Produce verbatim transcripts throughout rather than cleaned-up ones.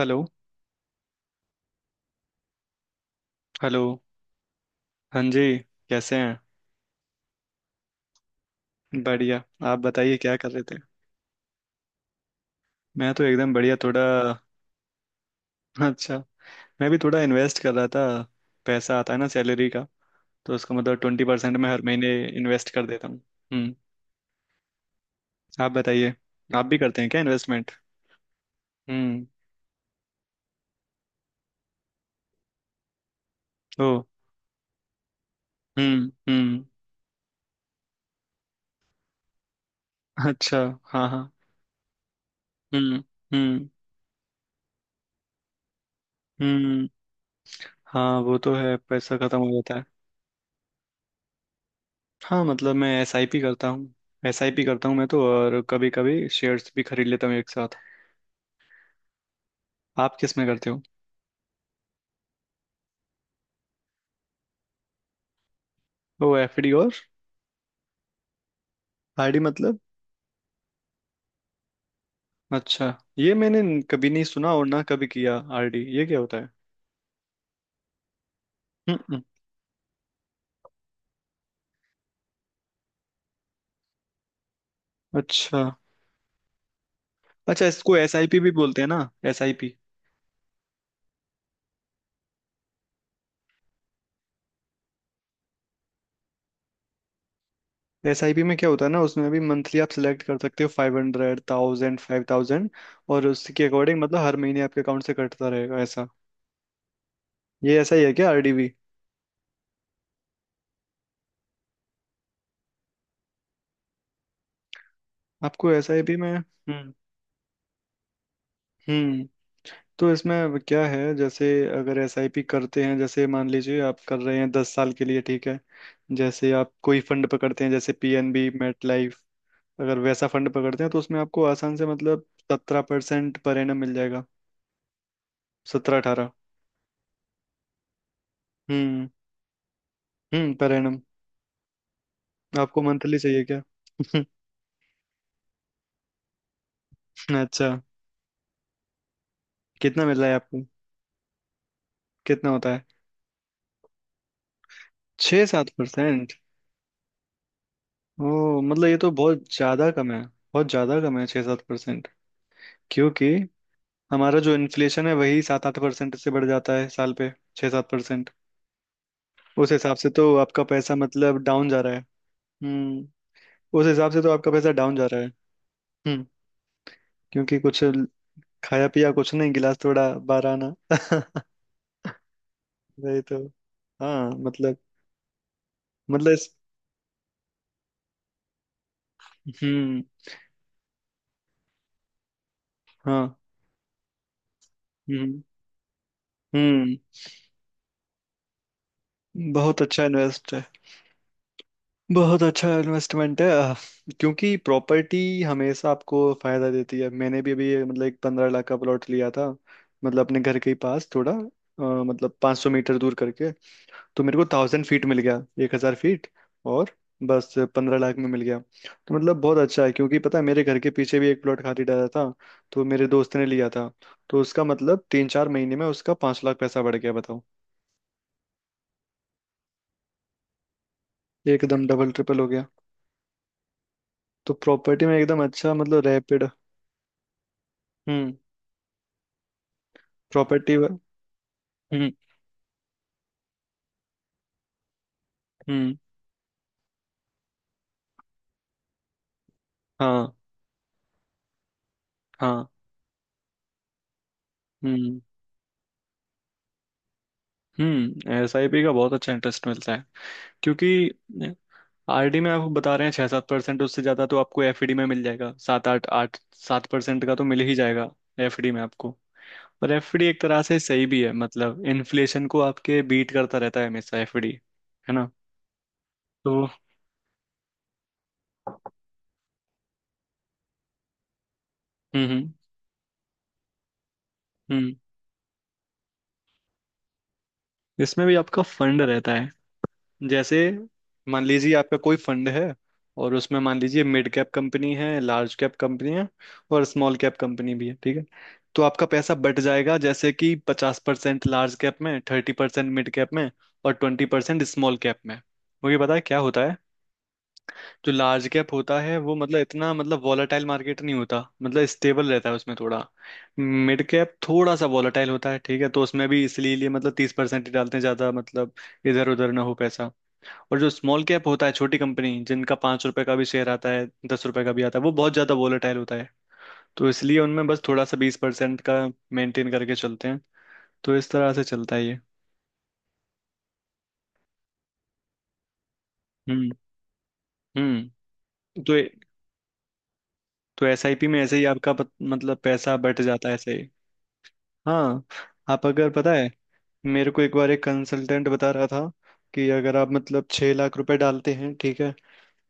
Hello hello. हाँ जी। कैसे हैं? बढ़िया। आप बताइए क्या कर रहे थे? मैं तो एकदम बढ़िया, थोड़ा अच्छा। मैं भी थोड़ा इन्वेस्ट कर रहा था। पैसा आता है ना सैलरी का, तो उसका मतलब ट्वेंटी परसेंट मैं हर महीने इन्वेस्ट कर देता हूँ। हम्म। आप बताइए। आप भी करते हैं क्या इन्वेस्टमेंट? हम्म। ओ। हम्म, हम्म। अच्छा। हाँ, हाँ। हम्म, हम्म, हम्म। हाँ, वो तो है, पैसा खत्म हो जाता है। हाँ, मतलब मैं एसआईपी करता हूँ एसआईपी करता हूँ मैं तो, और कभी कभी शेयर्स भी खरीद लेता हूँ एक साथ। आप किस में करते हो? ओ एफडी और आरडी मतलब? अच्छा। ये मैंने न- कभी नहीं सुना और ना कभी किया, आरडी ये क्या होता है? हम्म, हम्म। अच्छा, अच्छा। इसको एसआईपी भी बोलते हैं ना? एसआईपी एसआईपी में क्या होता है ना, उसमें भी मंथली आप सिलेक्ट कर सकते हो, five hundred, thousand, five thousand. और उसके अकॉर्डिंग मतलब हर महीने आपके अकाउंट से कटता रहेगा ऐसा। ये ऐसा ही है क्या आरडी भी? आपको एसआईपी में, हम्म। हम्म। तो इसमें अब क्या है, जैसे अगर एसआईपी करते हैं, जैसे मान लीजिए आप कर रहे हैं दस साल के लिए, ठीक है? जैसे आप कोई फंड पकड़ते हैं, जैसे पीएनबी मेट लाइफ। अगर वैसा फंड पकड़ते हैं तो उसमें आपको आसान से मतलब सत्रह परसेंट पर एनम मिल जाएगा। सत्रह अठारह। हम्म। हम्म, पर एनम। आपको मंथली चाहिए क्या? अच्छा। कितना मिल रहा है आपको? कितना होता है? छः सात परसेंट? ओ मतलब ये तो बहुत ज्यादा कम है, बहुत ज्यादा कम है छः सात परसेंट। क्योंकि हमारा जो इन्फ्लेशन है वही सात आठ परसेंट से बढ़ जाता है साल पे। छः सात परसेंट, उस हिसाब से तो आपका पैसा मतलब डाउन जा रहा है। हम्म। उस हिसाब से तो आपका पैसा डाउन जा रहा है। हम्म। क्योंकि कुछ खाया पिया कुछ नहीं, गिलास थोड़ा बाहर आना वही तो। हाँ, मतलब। मतलब इस, हम्म। हाँ, हम्म, हम्म। बहुत अच्छा इन्वेस्ट है बहुत अच्छा इन्वेस्टमेंट है, आह, क्योंकि प्रॉपर्टी हमेशा आपको फायदा देती है। मैंने भी अभी मतलब एक पंद्रह लाख का प्लॉट लिया था, मतलब अपने घर के ही पास थोड़ा, अह, मतलब पाँच सौ मीटर दूर करके। तो मेरे को थाउजेंड फीट मिल गया, एक हजार फीट, और बस पंद्रह लाख में मिल गया। तो मतलब बहुत अच्छा है, क्योंकि पता है मेरे घर के पीछे भी एक प्लॉट खाली डाला था, तो मेरे दोस्त ने लिया था, तो उसका मतलब तीन चार महीने में उसका पाँच लाख पैसा बढ़ गया, बताओ। एकदम डबल ट्रिपल हो गया। तो प्रॉपर्टी में एकदम अच्छा, मतलब रैपिड प्रॉपर्टी। हम्म, हम्म। हाँ, हाँ। हम्म, हम्म, एसआईपी का बहुत अच्छा इंटरेस्ट मिलता है। क्योंकि आरडी में आपको बता रहे हैं छः सात परसेंट, उससे ज़्यादा तो आपको एफडी में मिल जाएगा, सात आठ, आठ सात परसेंट का तो मिल ही जाएगा एफडी में आपको। और एफडी एक तरह से सही भी है, मतलब इन्फ्लेशन को आपके बीट करता रहता है हमेशा एफडी, है ना? तो हम्म, हम्म, हम्म। इसमें भी आपका फंड रहता है। जैसे मान लीजिए आपका कोई फंड है, और उसमें मान लीजिए मिड कैप कंपनी है, लार्ज कैप कंपनी है, और स्मॉल कैप कंपनी भी है, ठीक है? तो आपका पैसा बट जाएगा, जैसे कि पचास परसेंट लार्ज कैप में, थर्टी परसेंट मिड कैप में, और ट्वेंटी परसेंट स्मॉल कैप में। मुझे पता है क्या होता है। जो लार्ज कैप होता है वो मतलब इतना मतलब वॉलेटाइल मार्केट नहीं होता, मतलब स्टेबल रहता है उसमें थोड़ा। मिड कैप थोड़ा सा वॉलेटाइल होता है, ठीक है? तो उसमें भी इसलिए लिए मतलब तीस परसेंट ही डालते हैं, ज़्यादा मतलब इधर उधर ना हो पैसा। और जो स्मॉल कैप होता है, छोटी कंपनी जिनका पाँच रुपए का भी शेयर आता है, दस रुपए का भी आता है, वो बहुत ज़्यादा वोलेटाइल होता है। तो इसलिए उनमें बस थोड़ा सा बीस परसेंट का मेंटेन करके चलते हैं। तो इस तरह से चलता है ये। हम्म, हम्म। तो तो एसआईपी में ऐसे ही आपका पत- मतलब पैसा बट जाता है ऐसे ही। हाँ। आप अगर पता है, मेरे को एक बार एक कंसल्टेंट बता रहा था कि अगर आप मतलब छह लाख रुपए डालते हैं, ठीक है,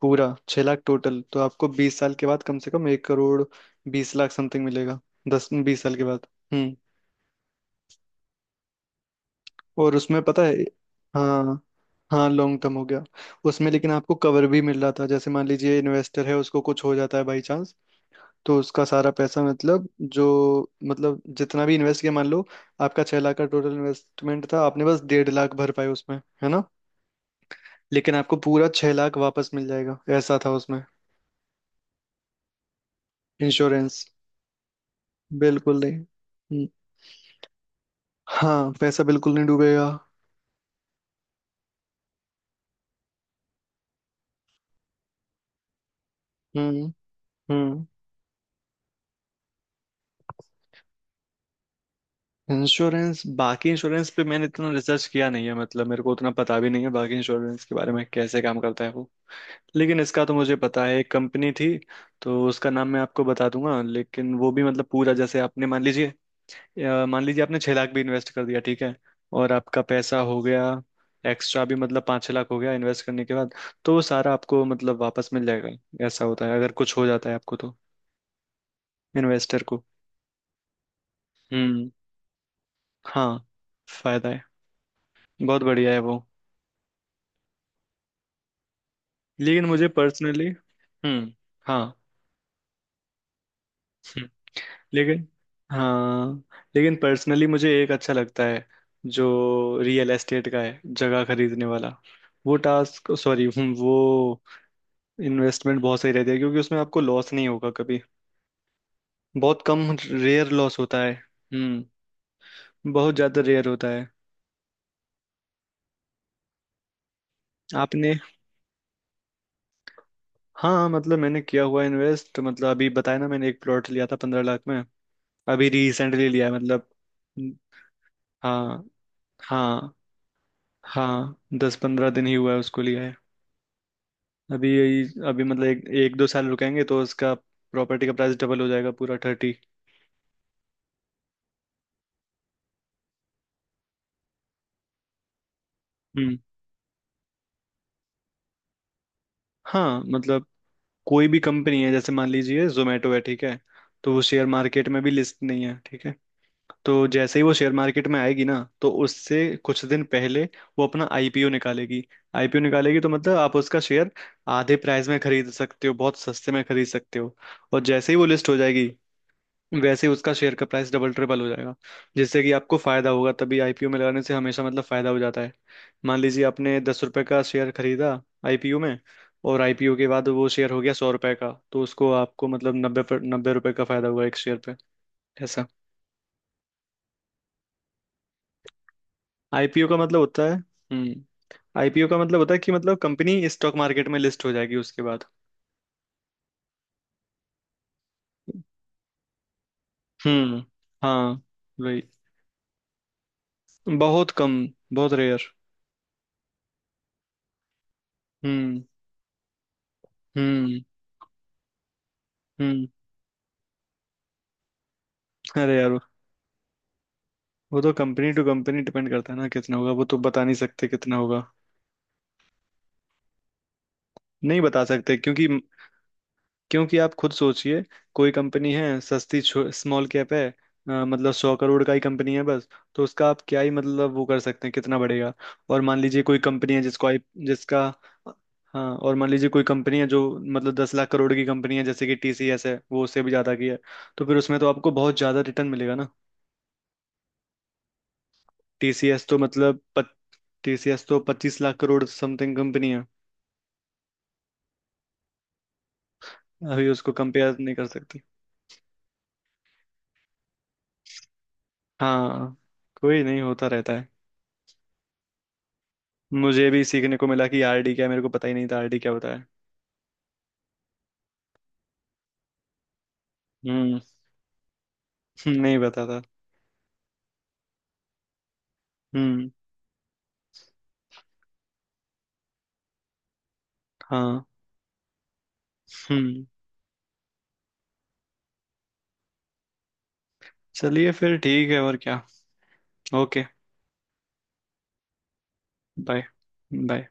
पूरा छह लाख टोटल, तो आपको बीस साल के बाद कम से कम एक करोड़ बीस लाख समथिंग मिलेगा, दस बीस साल के बाद। हम्म। और उसमें पता है, हाँ, हाँ, लॉन्ग टर्म हो गया। उसमें लेकिन आपको कवर भी मिल रहा था, जैसे मान लीजिए इन्वेस्टर है, उसको कुछ हो जाता है बाई चांस, तो उसका सारा पैसा मतलब जो मतलब जितना भी इन्वेस्ट किया, मान लो आपका छह लाख का टोटल इन्वेस्टमेंट था, आपने बस डेढ़ लाख भर पाए उसमें, है ना? लेकिन आपको पूरा छह लाख वापस मिल जाएगा, ऐसा था उसमें, इंश्योरेंस। बिल्कुल नहीं। हम्म। हाँ, पैसा बिल्कुल नहीं डूबेगा। हम्म, हम्म, इंश्योरेंस। बाकी इंश्योरेंस पे मैंने इतना रिसर्च किया नहीं है, मतलब मेरे को उतना पता भी नहीं है बाकी इंश्योरेंस के बारे में कैसे काम करता है वो। लेकिन इसका तो मुझे पता है, एक कंपनी थी, तो उसका नाम मैं आपको बता दूंगा। लेकिन वो भी मतलब पूरा, जैसे आपने मान लीजिए, अ, मान लीजिए आपने छह लाख भी इन्वेस्ट कर दिया, ठीक है, और आपका पैसा हो गया एक्स्ट्रा भी मतलब पाँच छह लाख हो गया इन्वेस्ट करने के बाद, तो वो सारा आपको मतलब वापस मिल जाएगा। ऐसा होता है अगर कुछ हो जाता है आपको तो, इन्वेस्टर को। हम्म। हाँ, फायदा है, बहुत बढ़िया है वो। लेकिन मुझे पर्सनली हम्म, हाँ, हम्म, लेकिन, हाँ, लेकिन पर्सनली मुझे एक अच्छा लगता है, जो रियल एस्टेट का है, जगह खरीदने वाला। वो टास्क सॉरी, वो इन्वेस्टमेंट बहुत सही रहती है, क्योंकि उसमें आपको लॉस नहीं होगा कभी, बहुत कम, रेयर लॉस होता है। हम्म। बहुत ज्यादा रेयर होता है। आपने? हाँ मतलब मैंने किया हुआ इन्वेस्ट, मतलब अभी बताया ना मैंने एक प्लॉट लिया था पंद्रह लाख में, अभी रिसेंटली लिया है, मतलब न- हाँ, हाँ, हाँ। दस पंद्रह दिन ही हुआ है उसको लिया है, अभी यही, अभी मतलब एक, एक दो साल रुकेंगे तो उसका प्रॉपर्टी का प्राइस डबल हो जाएगा पूरा, थर्टी। हम्म। हाँ मतलब कोई भी कंपनी है, जैसे मान लीजिए जोमेटो है, ठीक है, तो वो शेयर मार्केट में भी लिस्ट नहीं है, ठीक है? तो जैसे ही वो शेयर मार्केट में आएगी ना, तो उससे कुछ दिन पहले वो अपना आईपीओ निकालेगी। आईपीओ निकालेगी तो मतलब आप उसका शेयर आधे प्राइस में खरीद सकते हो, बहुत सस्ते में खरीद सकते हो। और जैसे ही वो लिस्ट हो जाएगी, वैसे ही उसका शेयर का प्राइस डबल ट्रिपल हो जाएगा, जिससे कि आपको फायदा होगा। तभी आईपीओ में लगाने से हमेशा मतलब फायदा हो जाता है। मान लीजिए आपने दस रुपए का शेयर खरीदा आईपीओ में, और आईपीओ के बाद वो शेयर हो गया सौ रुपए का, तो उसको आपको मतलब नब्बे पर, नब्बे रुपए का फायदा हुआ एक शेयर पे, ऐसा। आईपीओ का मतलब होता है, हम्म, आईपीओ का मतलब होता है कि मतलब कंपनी स्टॉक मार्केट में लिस्ट हो जाएगी उसके बाद। हम्म। हाँ, वही। बहुत कम, बहुत रेयर। हम्म, हम्म, हम्म। अरे यार, वो तो कंपनी टू कंपनी डिपेंड करता है ना कितना होगा, वो तो बता नहीं सकते कितना होगा। नहीं बता सकते, क्योंकि क्योंकि आप खुद सोचिए, कोई कंपनी है सस्ती, स्मॉल कैप है, अ, मतलब सौ करोड़ का ही कंपनी है बस, तो उसका आप क्या ही मतलब वो कर सकते हैं कितना बढ़ेगा। और मान लीजिए कोई कंपनी है जिसको आप, जिसका, हाँ, और मान लीजिए कोई कंपनी है जो मतलब दस लाख करोड़ की कंपनी है, जैसे कि टीसीएस है, वो उससे भी ज़्यादा की है, तो फिर उसमें तो आपको बहुत ज़्यादा रिटर्न मिलेगा ना। टीसीएस तो मतलब टीसीएस तो पच्चीस लाख करोड़ समथिंग कंपनी है, अभी उसको कंपेयर नहीं कर सकते। हाँ, कोई नहीं, होता रहता है। मुझे भी सीखने को मिला कि आरडी क्या है, मेरे को पता ही नहीं था आरडी क्या होता है। हम्म नहीं पता था। हम्म। हाँ, हम्म। चलिए फिर ठीक है और क्या? Okay, bye. बाय।